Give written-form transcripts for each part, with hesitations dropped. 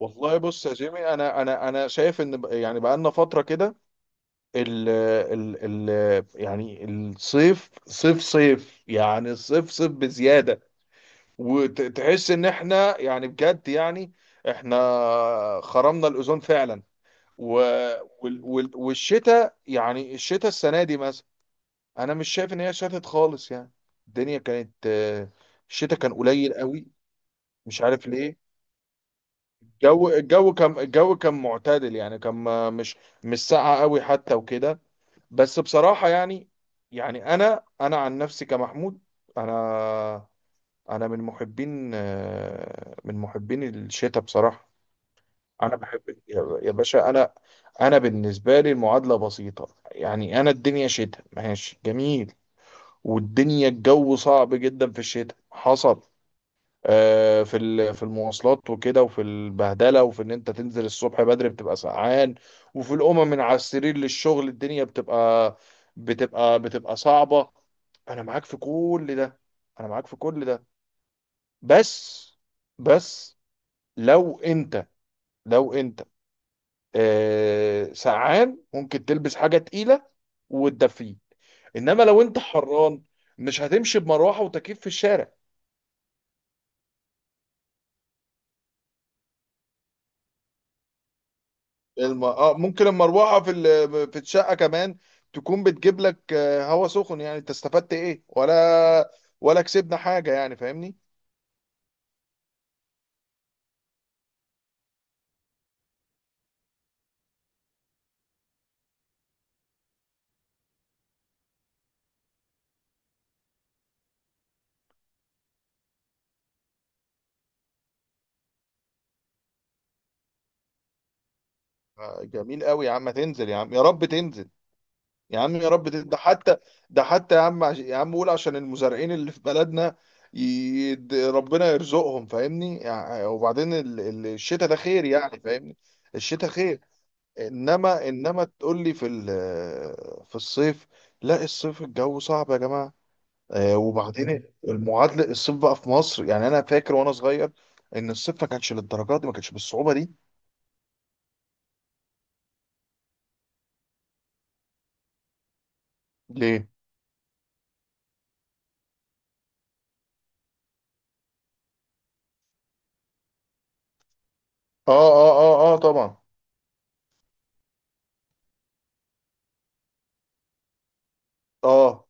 والله بص يا جيمي، انا شايف ان يعني بقى لنا فتره كده. ال ال ال يعني الصيف صيف يعني الصيف صيف بزياده. وتحس ان احنا يعني بجد، يعني احنا خرمنا الاوزون فعلا. و والشتاء، يعني الشتاء السنه دي مثلا، انا مش شايف ان هي شتت خالص يعني. الدنيا كانت، الشتاء كان قليل قوي. مش عارف ليه. الجو كان معتدل، يعني كان مش ساقعة قوي حتى وكده. بس بصراحة يعني، يعني انا عن نفسي كمحمود، انا انا من محبين، من محبين الشتاء بصراحة. انا بحب. يا باشا، انا بالنسبة لي المعادلة بسيطة. يعني انا الدنيا شتاء ماشي جميل. والدنيا الجو صعب جدا في الشتاء، حصل في المواصلات وكده، وفي البهدله، وفي ان انت تنزل الصبح بدري بتبقى سقعان. وفي الامم من على السرير للشغل، الدنيا بتبقى صعبه. انا معاك في كل ده. انا معاك في كل ده. بس بس، لو انت لو انت سقعان، ممكن تلبس حاجه تقيله وتدفيه. انما لو انت حران، مش هتمشي بمروحه وتكييف في الشارع. الم... اه ممكن المروحه في الشقه كمان تكون بتجيب لك، هوا سخن. يعني انت استفدت ايه؟ ولا كسبنا حاجه يعني فاهمني. جميل قوي يا عم، تنزل يا عم، يا رب تنزل. يا عم يا رب تنزل. ده حتى، يا عم، قول عشان المزارعين اللي في بلدنا، ربنا يرزقهم فاهمني. يعني وبعدين الشتاء ده خير يعني فاهمني. الشتاء خير. انما تقول لي في في الصيف. لا، الصيف الجو صعب يا جماعه. وبعدين المعادله، الصيف بقى في مصر، يعني انا فاكر وانا صغير ان الصيف ما كانش للدرجه دي، ما كانش بالصعوبه دي. ليه؟ اه، اه، اه، اه، طبعا. اه.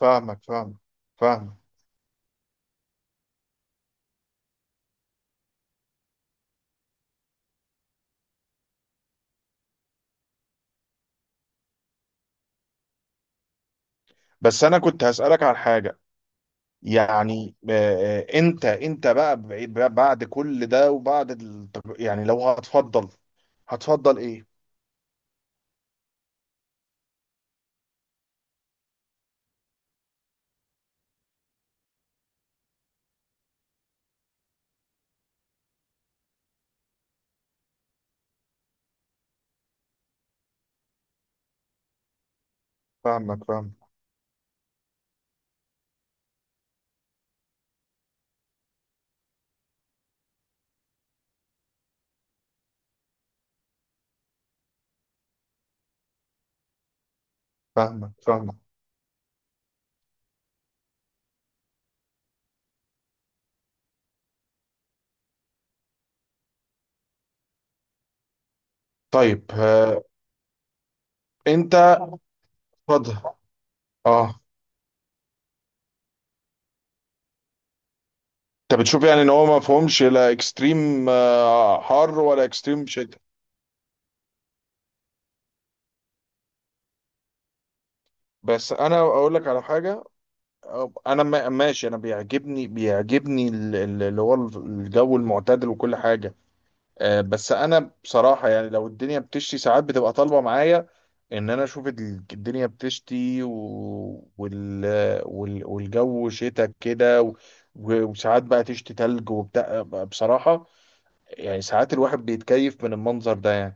فاهمك، فاهمك، فاهمك. بس انا كنت هسالك على حاجه. يعني انت بقى بقى بعد كل ده وبعد يعني لو هتفضل هتفضل ايه؟ فاهمك، فاهمك، فاهمك، فاهمك. طيب، انت، اتفضل. اه، انت بتشوف يعني ان هو ما فهمش لا اكستريم، حر، ولا اكستريم شتاء. بس انا اقول لك على حاجه. انا ماشي، انا بيعجبني اللي هو الجو المعتدل وكل حاجه. بس انا بصراحه يعني، لو الدنيا بتشتي ساعات، بتبقى طالبه معايا ان انا اشوف الدنيا بتشتي، والجو شتاء كده، وساعات بقى تشتي تلج وبتاع بصراحه. يعني ساعات الواحد بيتكيف من المنظر ده يعني.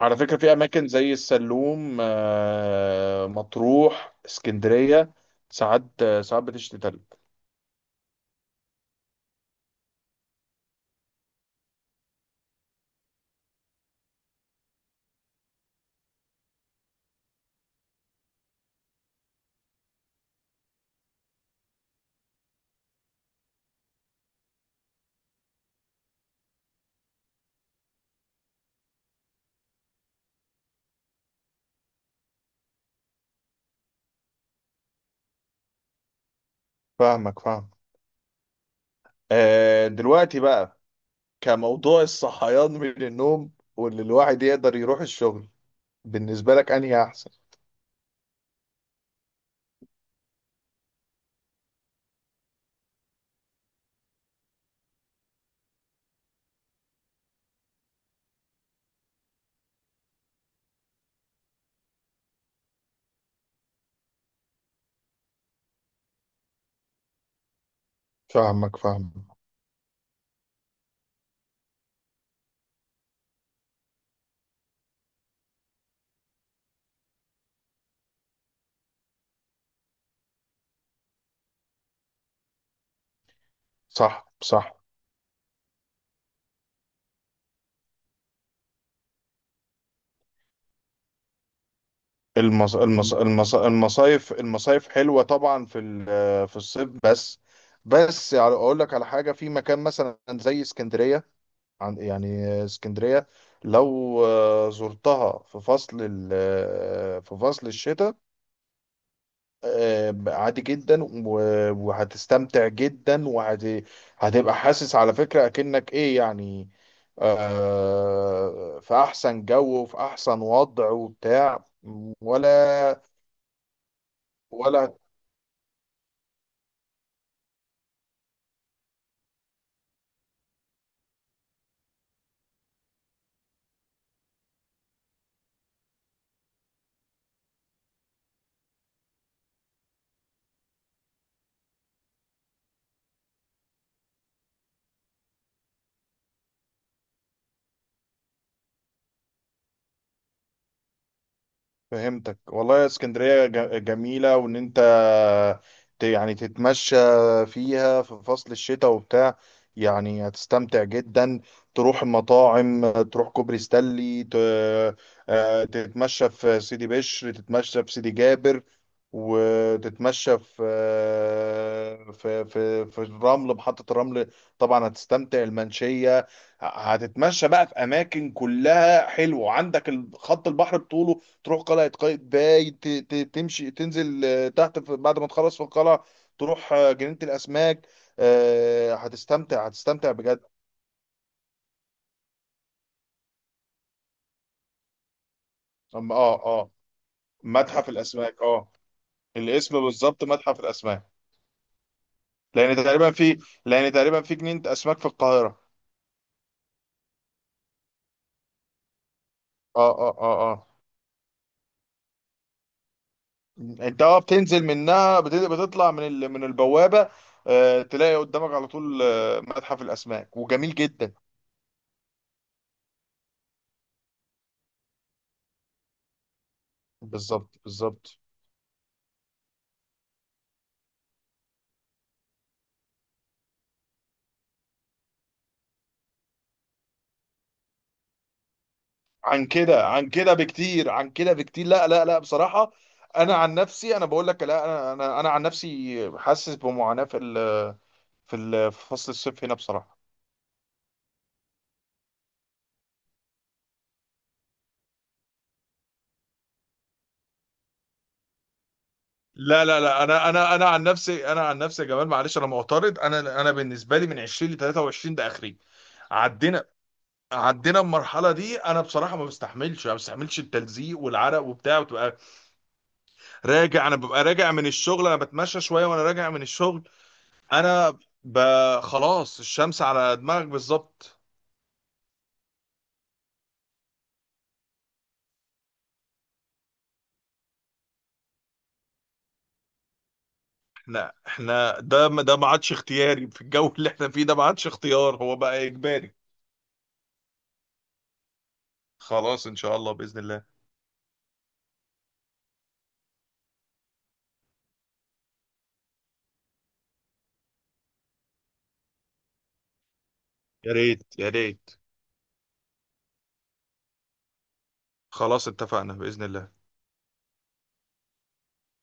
على فكرة في أماكن زي السلوم، مطروح، اسكندرية، ساعات بتشتي تلج. فاهمك، فاهم. دلوقتي بقى، كموضوع الصحيان من النوم واللي الواحد يقدر يروح الشغل، بالنسبة لك أنهي أحسن؟ فاهمك، فاهم. صح، صح. المصايف حلوة طبعا في في الصيف. بس، بس يعني أقول لك على حاجة. في مكان مثلا زي اسكندرية، عن يعني اسكندرية لو زرتها في فصل في فصل الشتاء، عادي جدا، وهتستمتع جدا. وهتبقى حاسس على فكرة أكنك إيه يعني، في أحسن جو وفي أحسن وضع وبتاع. ولا، ولا، فهمتك والله. اسكندرية جميلة، وان انت يعني تتمشى فيها في فصل الشتاء وبتاع، يعني هتستمتع جدا. تروح المطاعم، تروح كوبري ستانلي، تتمشى في سيدي بشر، تتمشى في سيدي جابر، وتتمشى في، في محطة الرمل. طبعا هتستمتع، المنشية. هتتمشى بقى في اماكن كلها حلوه، عندك خط البحر بطوله. تروح قلعة قايتباي، تمشي، تنزل تحت، بعد ما تخلص في القلعة تروح جنينة الأسماك. هتستمتع بجد. اه، اه، متحف الأسماك. اه، الاسم بالظبط متحف الأسماك. لأن تقريبا في لأن تقريبا في جنينة أسماك في القاهرة. اه، اه، اه، اه. انت بتنزل منها، بتطلع من من البوابة، تلاقي قدامك على طول، متحف الأسماك، وجميل جدا. بالظبط، بالظبط. عن كده بكتير، عن كده بكتير. لا، لا، لا، بصراحة انا عن نفسي، انا بقول لك لا. انا عن نفسي حاسس بمعاناة في ال، في فصل الصيف هنا بصراحة. لا، لا، لا، انا عن نفسي، يا جمال معلش انا معترض. انا بالنسبه لي من 20 ل 23، ده اخري. عدينا عدينا المرحله دي. انا بصراحه ما بستحملش التلزيق والعرق وبتاع، وتبقى راجع. انا ببقى راجع من الشغل، انا بتمشى شويه وانا راجع من الشغل. انا ب... خلاص الشمس على دماغك بالظبط. احنا ده، ده ما عادش اختياري. في الجو اللي احنا فيه ده، ما عادش اختيار، هو بقى اجباري. خلاص ان شاء الله، باذن الله. يا ريت يا ريت. خلاص اتفقنا باذن الله.